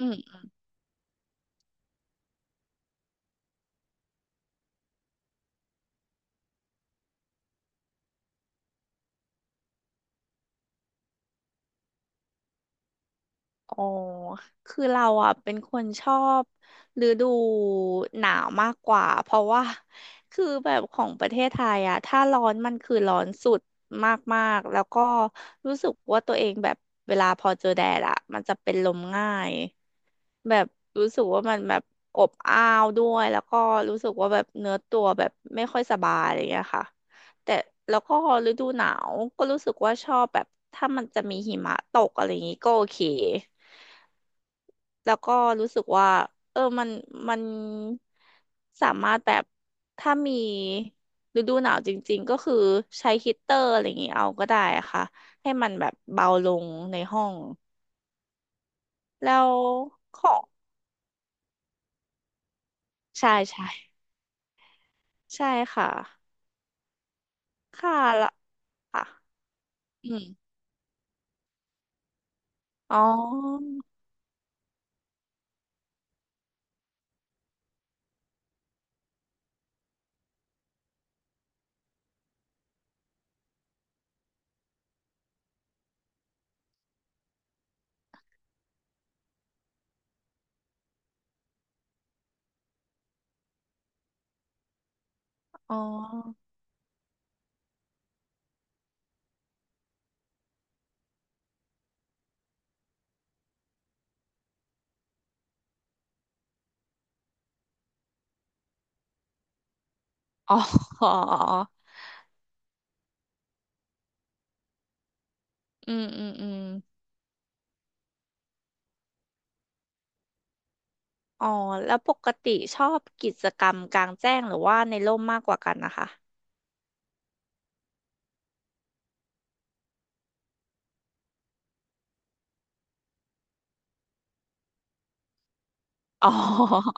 อืม อ๋อ คือเราอ่ะเป็นคนชอบฤดูหนาวมากกว่า เพราะว่าคือแบบของประเทศไทยอ่ะถ้าร้อนมันคือร้อนสุดมากๆแล้วก็รู้สึกว่าตัวเองแบบเวลาพอเจอแดดอ่ะมันจะเป็นลมง่าย แบบรู้สึกว่ามันแบบอบอ้าวด้วยแล้วก็รู้สึกว่าแบบเนื้อตัวแบบไม่ค่อยสบายอะไรอย่างเงี้ยค่ะแต่แล้วก็ฤดูหนาวก็รู้สึกว่าชอบแบบถ้ามันจะมีหิมะตกอะไรอย่างงี้ก็โอเคแล้วก็รู้สึกว่าเออมันมันสามารถแบบถ้ามีฤดูหนาวจริงๆก็คือใช้ฮีตเตอร์อะไรอย่างงี้เอาก็ได้ค่ะให้มันแบบเบาลงในห้องแล้วของใช่ใช่ใช่ค่ะ ค่ะละค่ะอืมอ๋ออ๋อ อ๋อ อ๋ออืมอืมอืมอ๋อแล้วปกติชอบกิจกรรมกลางแจ้งหรือว่าในร่มมากกว่ากันนะคะอ๋อ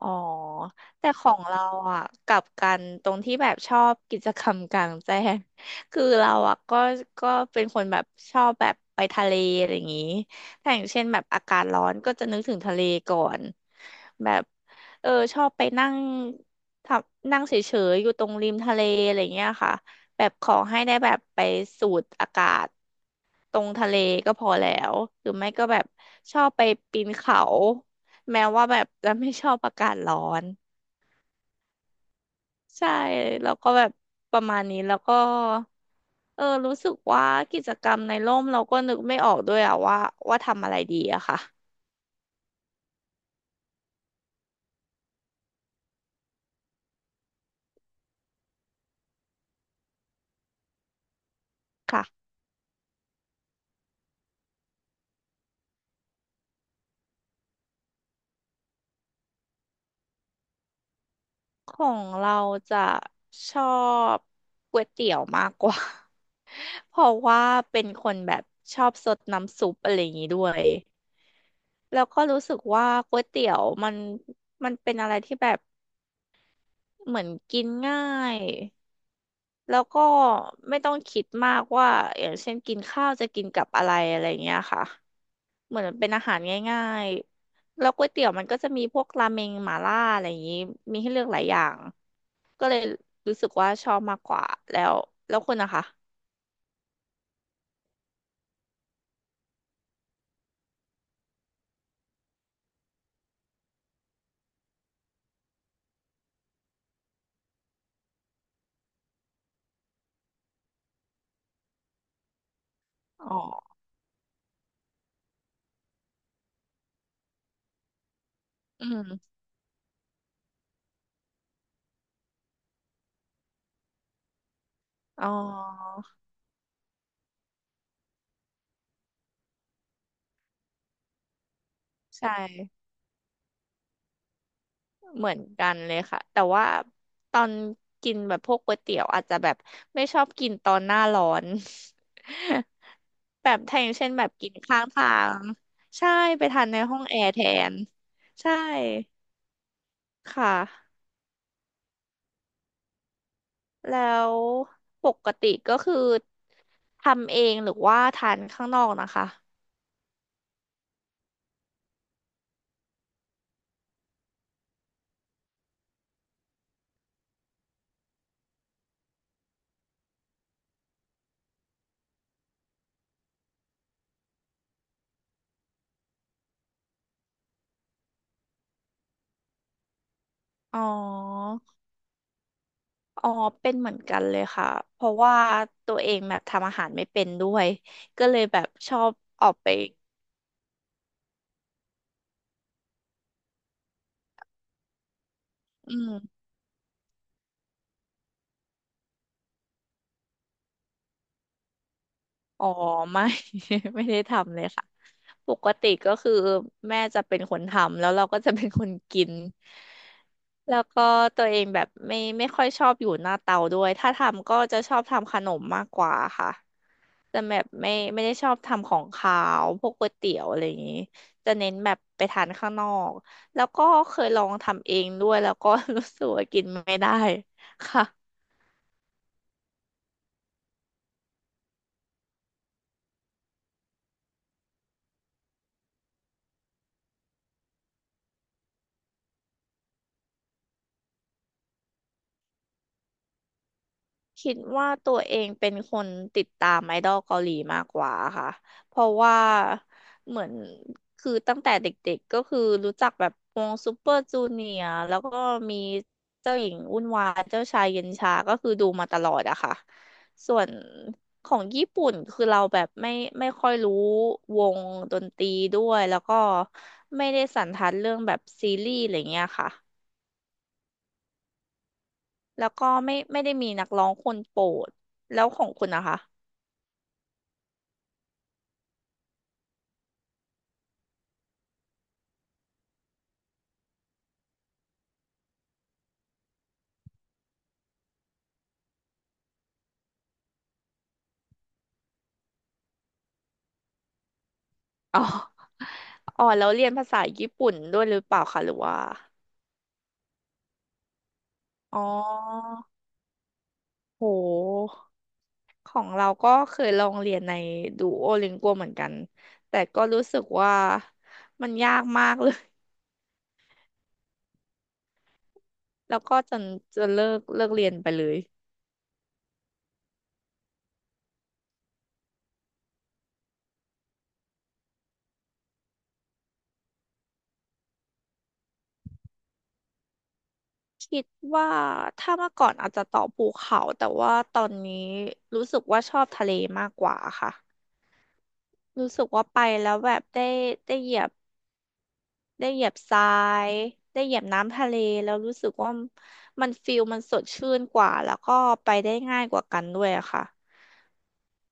อ๋อแต่ของเราอ่ะกลับกันตรงที่แบบชอบกิจกรรมกลางแจ้ง คือเราอ่ะก็ก็เป็นคนแบบชอบแบบไปทะเลอะไรอย่างงี้ถ้าอย่างเช่นแบบอากาศร้อนก็จะนึกถึงทะเลก่อนแบบชอบไปนั่งทำนั่งเฉยๆอยู่ตรงริมทะเลอะไรอย่างเงี้ยค่ะแบบขอให้ได้แบบไปสูดอากาศ ตรงทะเลก็พอแล้วหรือไม่ก็แบบชอบไปปีนเขา แม้ว่าแบบจะไม่ชอบอากาศร้อน ใช่ แล้วก็แบบประมาณนี้ แล้วก็รู้สึกว่ากิจกรรมในร่มเราก็นึกไม่ออกด้วยอะว่าว่าทำอะไรดีอะค่ะค่ะของเราจะชอบก๋วยเตี๋ยวมากกว่า เพราะว่าเป็นคนแบบชอบซดน้ำซุปอะไรอย่างนี้ด้วย แล้วก็รู้สึกว่าก๋วยเตี๋ยวมันเป็นอะไรที่แบบเหมือนกินง่ายแล้วก็ไม่ต้องคิดมากว่าอย่างเช่นกินข้าวจะกินกับอะไรอะไรเงี้ยค่ะเหมือนเป็นอาหารง่ายๆแล้วก๋วยเตี๋ยวมันก็จะมีพวกราเมงหม่าล่าอะไรอย่างนี้มีให้เลือกหลายอย่างก็เลยรู้สึกว่าชอบมากกว่าแล้วแล้วคุณนะคะอ๋ออืมอ๋อใช่ เหมือนกันเลยค่ะแต่ว่าตอนกินแบบพวกก๋วยเตี๋ยวอาจจะแบบไม่ชอบกินตอนหน้าร้อน แบบถ้าอย่างเช่นแบบกินข้างทางใช่ไปทานในห้องแอร์แทนใช่ค่ะแล้วปกติก็คือทำเองหรือว่าทานข้างนอกนะคะอ๋ออ๋อเป็นเหมือนกันเลยค่ะเพราะว่าตัวเองแบบทำอาหารไม่เป็นด้วยก็เลยแบบชอบออกไปอืม อ๋อไม่ ไม่ได้ทำเลยค่ะปกติก็คือแม่จะเป็นคนทำแล้วเราก็จะเป็นคนกินแล้วก็ตัวเองแบบไม่ค่อยชอบอยู่หน้าเตาด้วยถ้าทำก็จะชอบทำขนมมากกว่าค่ะแต่แบบไม่ได้ชอบทำของคาวพวกก๋วยเตี๋ยวอะไรอย่างนี้จะเน้นแบบไปทานข้างนอกแล้วก็เคยลองทำเองด้วยแล้วก็ รู้สึกว่ากินไม่ได้ค่ะ คิดว่าตัวเองเป็นคนติดตามไอดอลเกาหลีมากกว่าค่ะ เพราะว่าเหมือนคือตั้งแต่เด็กๆก็คือรู้จักแบบวงซูเปอร์จูเนียร์แล้วก็มีเจ้าหญิงวุ่นวายเจ้าชายเย็นชาก็คือดูมาตลอดอะค่ะ ส่วนของญี่ปุ่นคือเราแบบไม่ค่อยรู้วงดนตรีด้วยแล้วก็ไม่ได้สันทัดเรื่องแบบซีรีส์อะไรเงี้ยค่ะ แล้วก็ไม่ได้มีนักร้องคนโปรดแล้วของคุณนะคะ อ๋ออ๋อแล้วเรียนภาษาญี่ปุ่นด้วยหรือเปล่าคะหรือว่าอ๋อโหของเราก็เคยลองเรียนในดูโอลิงกัวเหมือนกันแต่ก็รู้สึกว่ามันยากมากเลย แล้วก็จนจะเลิกเรียนไปเลย คิดว่าถ้าเมื่อก่อนอาจจะต่อบภูเขาแต่ว่าตอนนี้รู้สึกว่าชอบทะเลมากกว่าค่ะ รู้สึกว่าไปแล้วแบบได้เหยียบ ได้เหยียบทรายได้เหยียบน้ำทะเลแล้วรู้สึกว่ามันฟิลมันสดชื่นกว่าแล้วก็ไปได้ง่ายกว่ากันด้วยอะค่ะ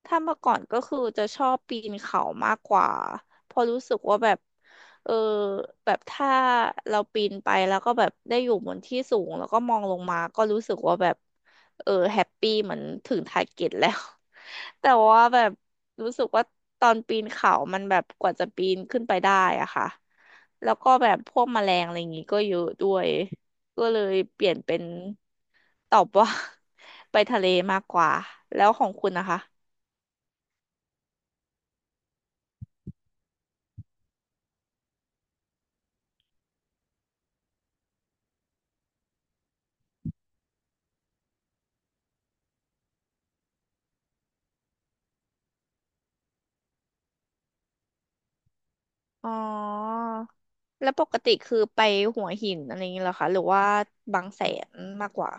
ถ้าเมื่อก่อนก็คือจะชอบปีนเขามากกว่าเพอราะรู้สึกว่าแบบเออแบบถ้าเราปีนไปแล้วก็แบบได้อยู่บนที่สูงแล้วก็มองลงมาก็รู้สึกว่าแบบแฮปปี้เหมือนถึงทาร์เก็ตแล้ว แต่ว่าแบบรู้สึกว่าตอนปีนเขามันแบบกว่าจะปีนขึ้นไปได้อะค่ะ แล้วก็แบบพวกแมลงอะไรอย่างงี้ก็เยอะด้วยก็เลยเปลี่ยนเป็นตอบว่า ไปทะเลมากกว่า แล้วของคุณนะคะอ๋อแล้วปกติคือไปหัวหินอะไรอย่างงี้เหรอคะหรือว่าบางแสนมากกว่า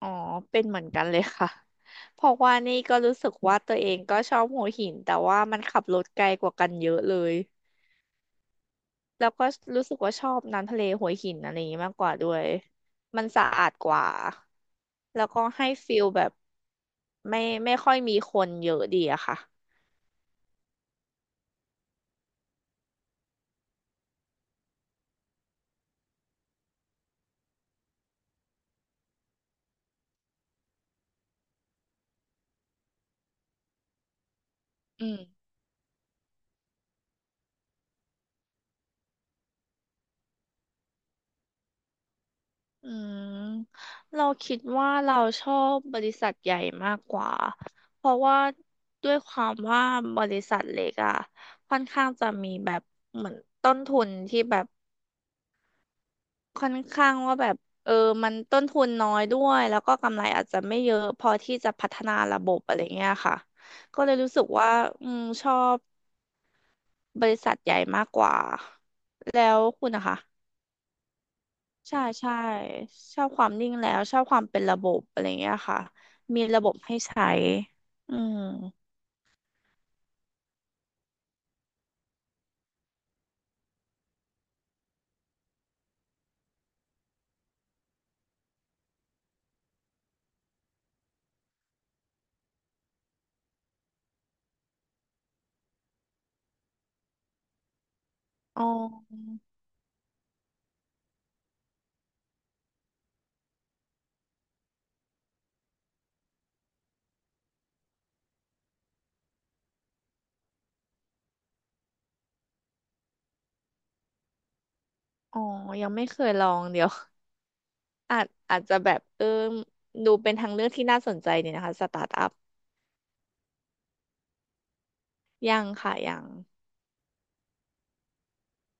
อ๋อเป็นเหมือนกันเลยค่ะ เพราะว่านี่ก็รู้สึกว่าตัวเองก็ชอบหัวหินแต่ว่ามันขับรถไกลกว่ากันเยอะเลย แล้วก็รู้สึกว่าชอบน้ำทะเลหัวหินอะไรอย่างนี้มากกว่าด้วยมันสะอาดกว่าแล้วก็ให้ฟีลแบบไม่ไม่ค่อยมีคนเยอะดีอะค่ะอืมอืมเราคิดว่าเราชอบบริษัทใหญ่มากกว่าเพราะว่าด้วยความว่าบริษัทเล็กอะค่อนข้างจะมีแบบเหมือนต้นทุนที่แบบ ค่อนข้างว่าแบบเออมันต้นทุนน้อยด้วยแล้วก็กำไรอาจจะไม่เยอะพอที่จะพัฒนาระบบอะไรเงี้ยค่ะก็เลยรู้สึกว่าอืมชอบบริษัทใหญ่มากกว่าแล้วคุณนะคะใช่ใช่ชอบความนิ่งแล้วชอบความเป็นระบบอะไรเงี้ยค่ะมีระบบให้ใช้อืมอ๋ออ๋อยังไม่เคยลองเดี๋ยว อาจจะแบบดูเป็นทางเลือกที่น่าสนใจดีนะคะสตาร์ทอัพยังค่ะยัง